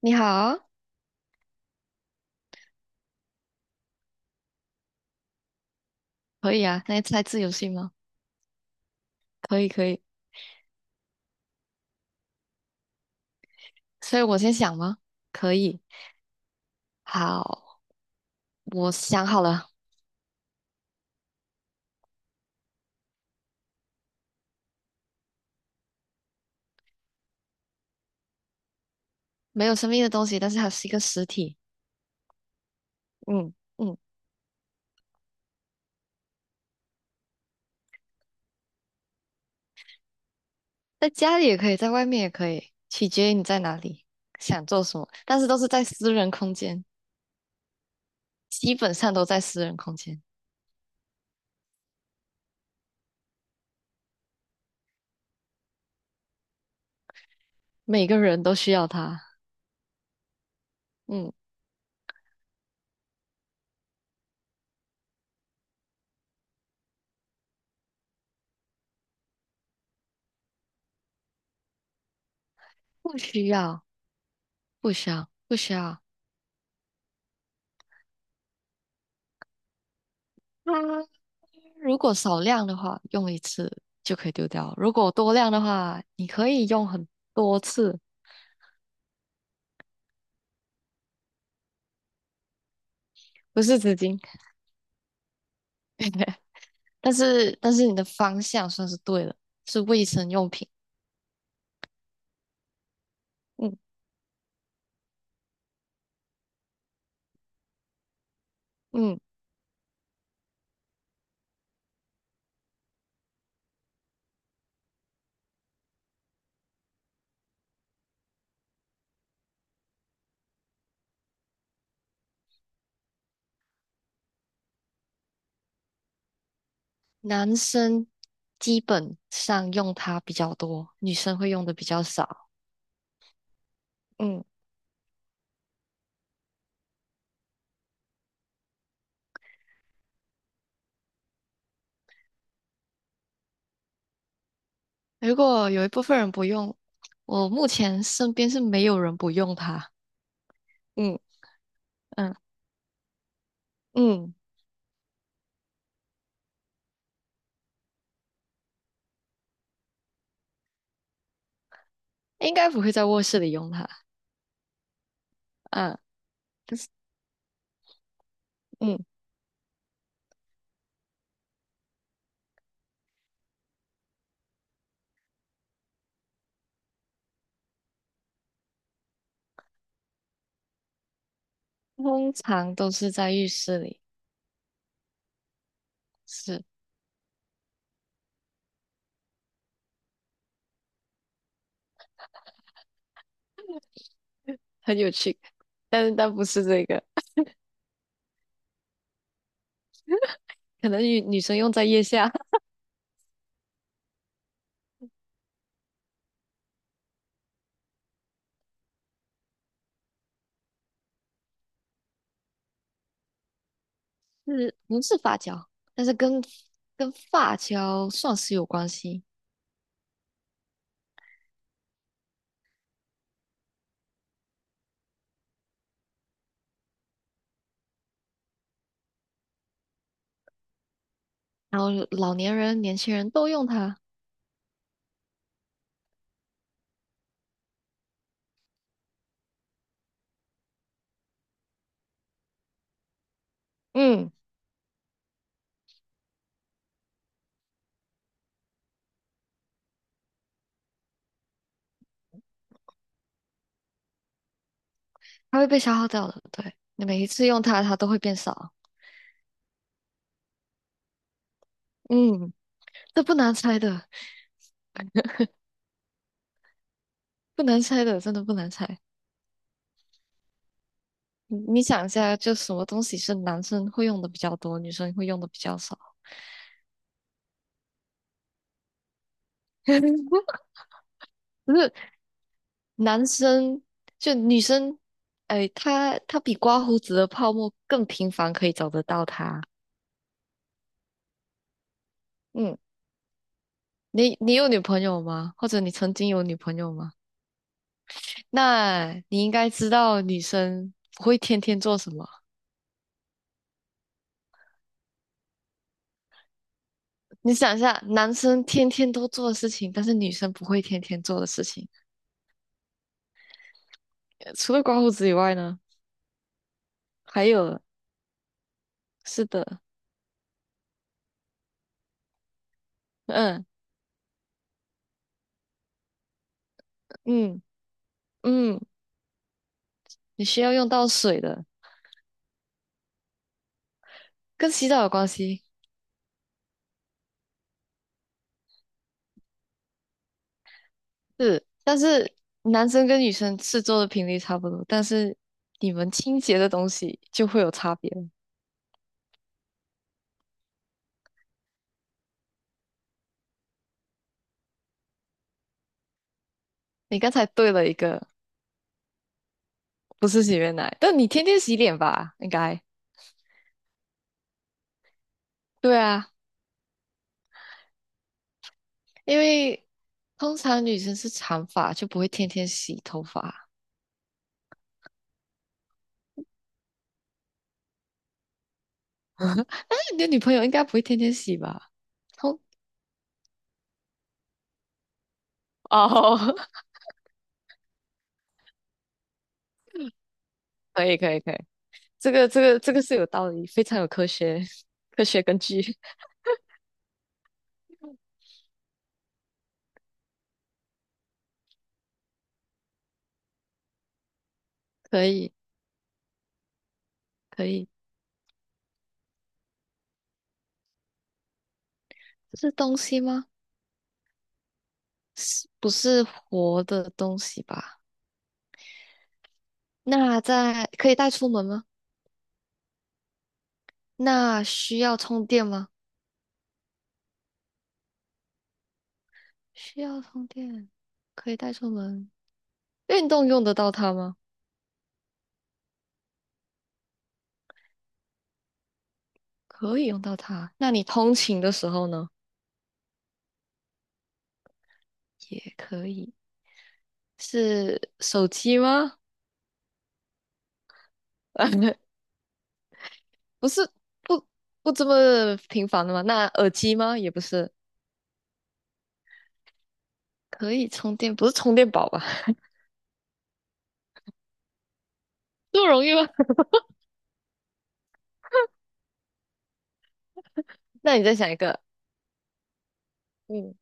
你好，可以啊，那猜字游戏吗？可以，可以。所以我先想吗？可以。好，我想好了，没有生命的东西，但是它是一个实体。嗯嗯，在家里也可以，在外面也可以，取决于你在哪里，想做什么，但是都是在私人空间，基本上都在私人空间，每个人都需要它。嗯，不需要，不需要，不需要。它如果少量的话，用一次就可以丢掉；如果多量的话，你可以用很多次，不是纸巾。但是，你的方向算是对了，是卫生用品。嗯嗯，男生基本上用它比较多，女生会用的比较少。嗯，如果有一部分人不用，我目前身边是没有人不用它。嗯嗯嗯，应该不会在卧室里用它。嗯。但是嗯通常都是在浴室里，是很有趣，但是不是这个，可能女生用在腋下，是不是发胶？但是跟发胶算是有关系，然后老年人、年轻人都用它，嗯，它会被消耗掉的，对，你每一次用它，它都会变少，嗯，这不难猜的，不难猜的，真的不难猜。你想一下，就什么东西是男生会用的比较多，女生会用的比较少？不是男生就女生，哎，她比刮胡子的泡沫更频繁，可以找得到她。嗯，你有女朋友吗？或者你曾经有女朋友吗？那你应该知道女生不会天天做什么。你想一下，男生天天都做的事情，但是女生不会天天做的事情，除了刮胡子以外呢，还有，是的，嗯嗯嗯，你需要用到水的，跟洗澡有关系。是，但是男生跟女生吃做的频率差不多，但是你们清洁的东西就会有差别了。你刚才对了一个，不是洗面奶，但你天天洗脸吧？应该。对啊，因为通常女生是长发，就不会天天洗头发。那你的女朋友应该不会天天洗吧？通哦，可以可以可以，这个这个是有道理，非常有科学根据，可以可以，是东西吗？是不是活的东西吧？那在可以带出门吗？那需要充电吗？需要充电，可以带出门。运动用得到它吗？可以用到它。那你通勤的时候呢？也可以。是手机吗？不是，不不这么频繁的吗？那耳机吗？也不是。可以充电，不是充电宝吧？这么容易吗？那你再想一个。嗯，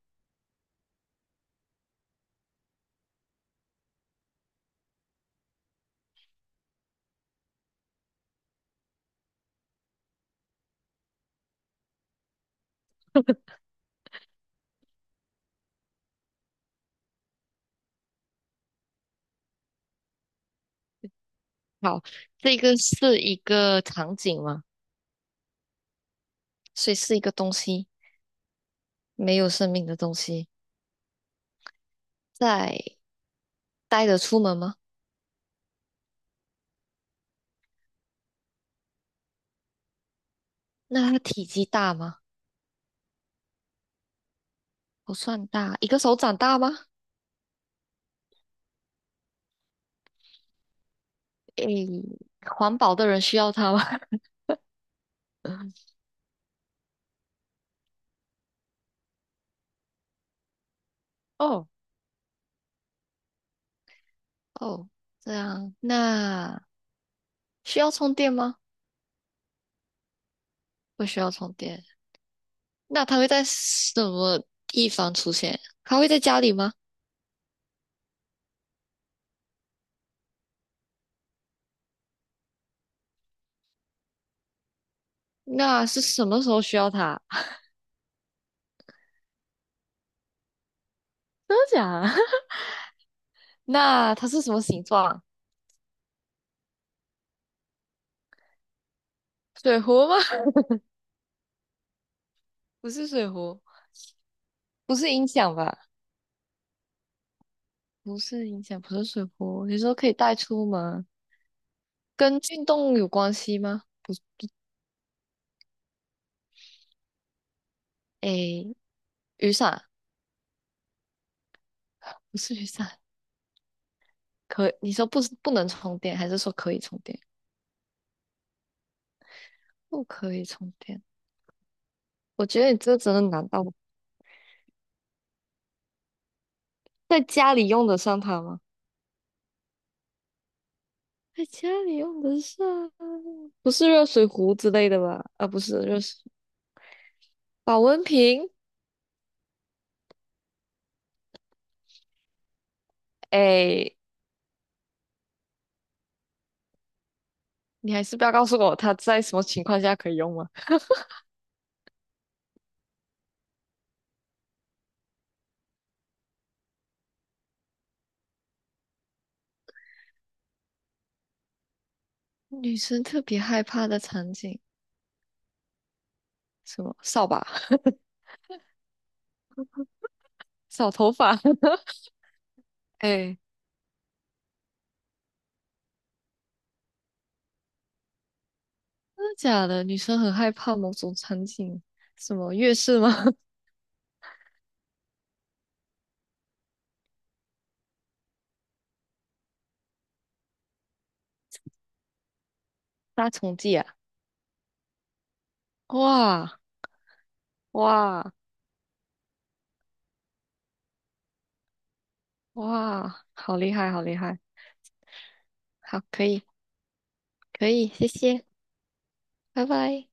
好，这个是一个场景吗？所以是一个东西，没有生命的东西。在带着出门吗？那它体积大吗？不算大，一个手掌大吗？诶，环保的人需要它吗？哦，哦，这样，那需要充电吗？不需要充电。那它会在什么地方出现？它会在家里吗？那是什么时候需要它？真的假的？那它是什么形状？水壶吗？不是水壶，不是音响吧？不是影响不是水壶，你说可以带出门，跟运动有关系吗？不，不诶，雨伞不是雨伞，可你说不是不能充电，还是说可以充电？不可以充电，我觉得你这个真的难到我在家里用得上它吗？在家里用得上，不是热水壶之类的吧？啊，不是热水，保温瓶。诶，你还是不要告诉我它在什么情况下可以用吗？女生特别害怕的场景，什么扫把、扫头发。哎、真的假的？女生很害怕某种场景，什么月事吗？杀虫剂啊，哇哇哇！好厉害，好厉害，好，可以，可以，谢谢，拜拜。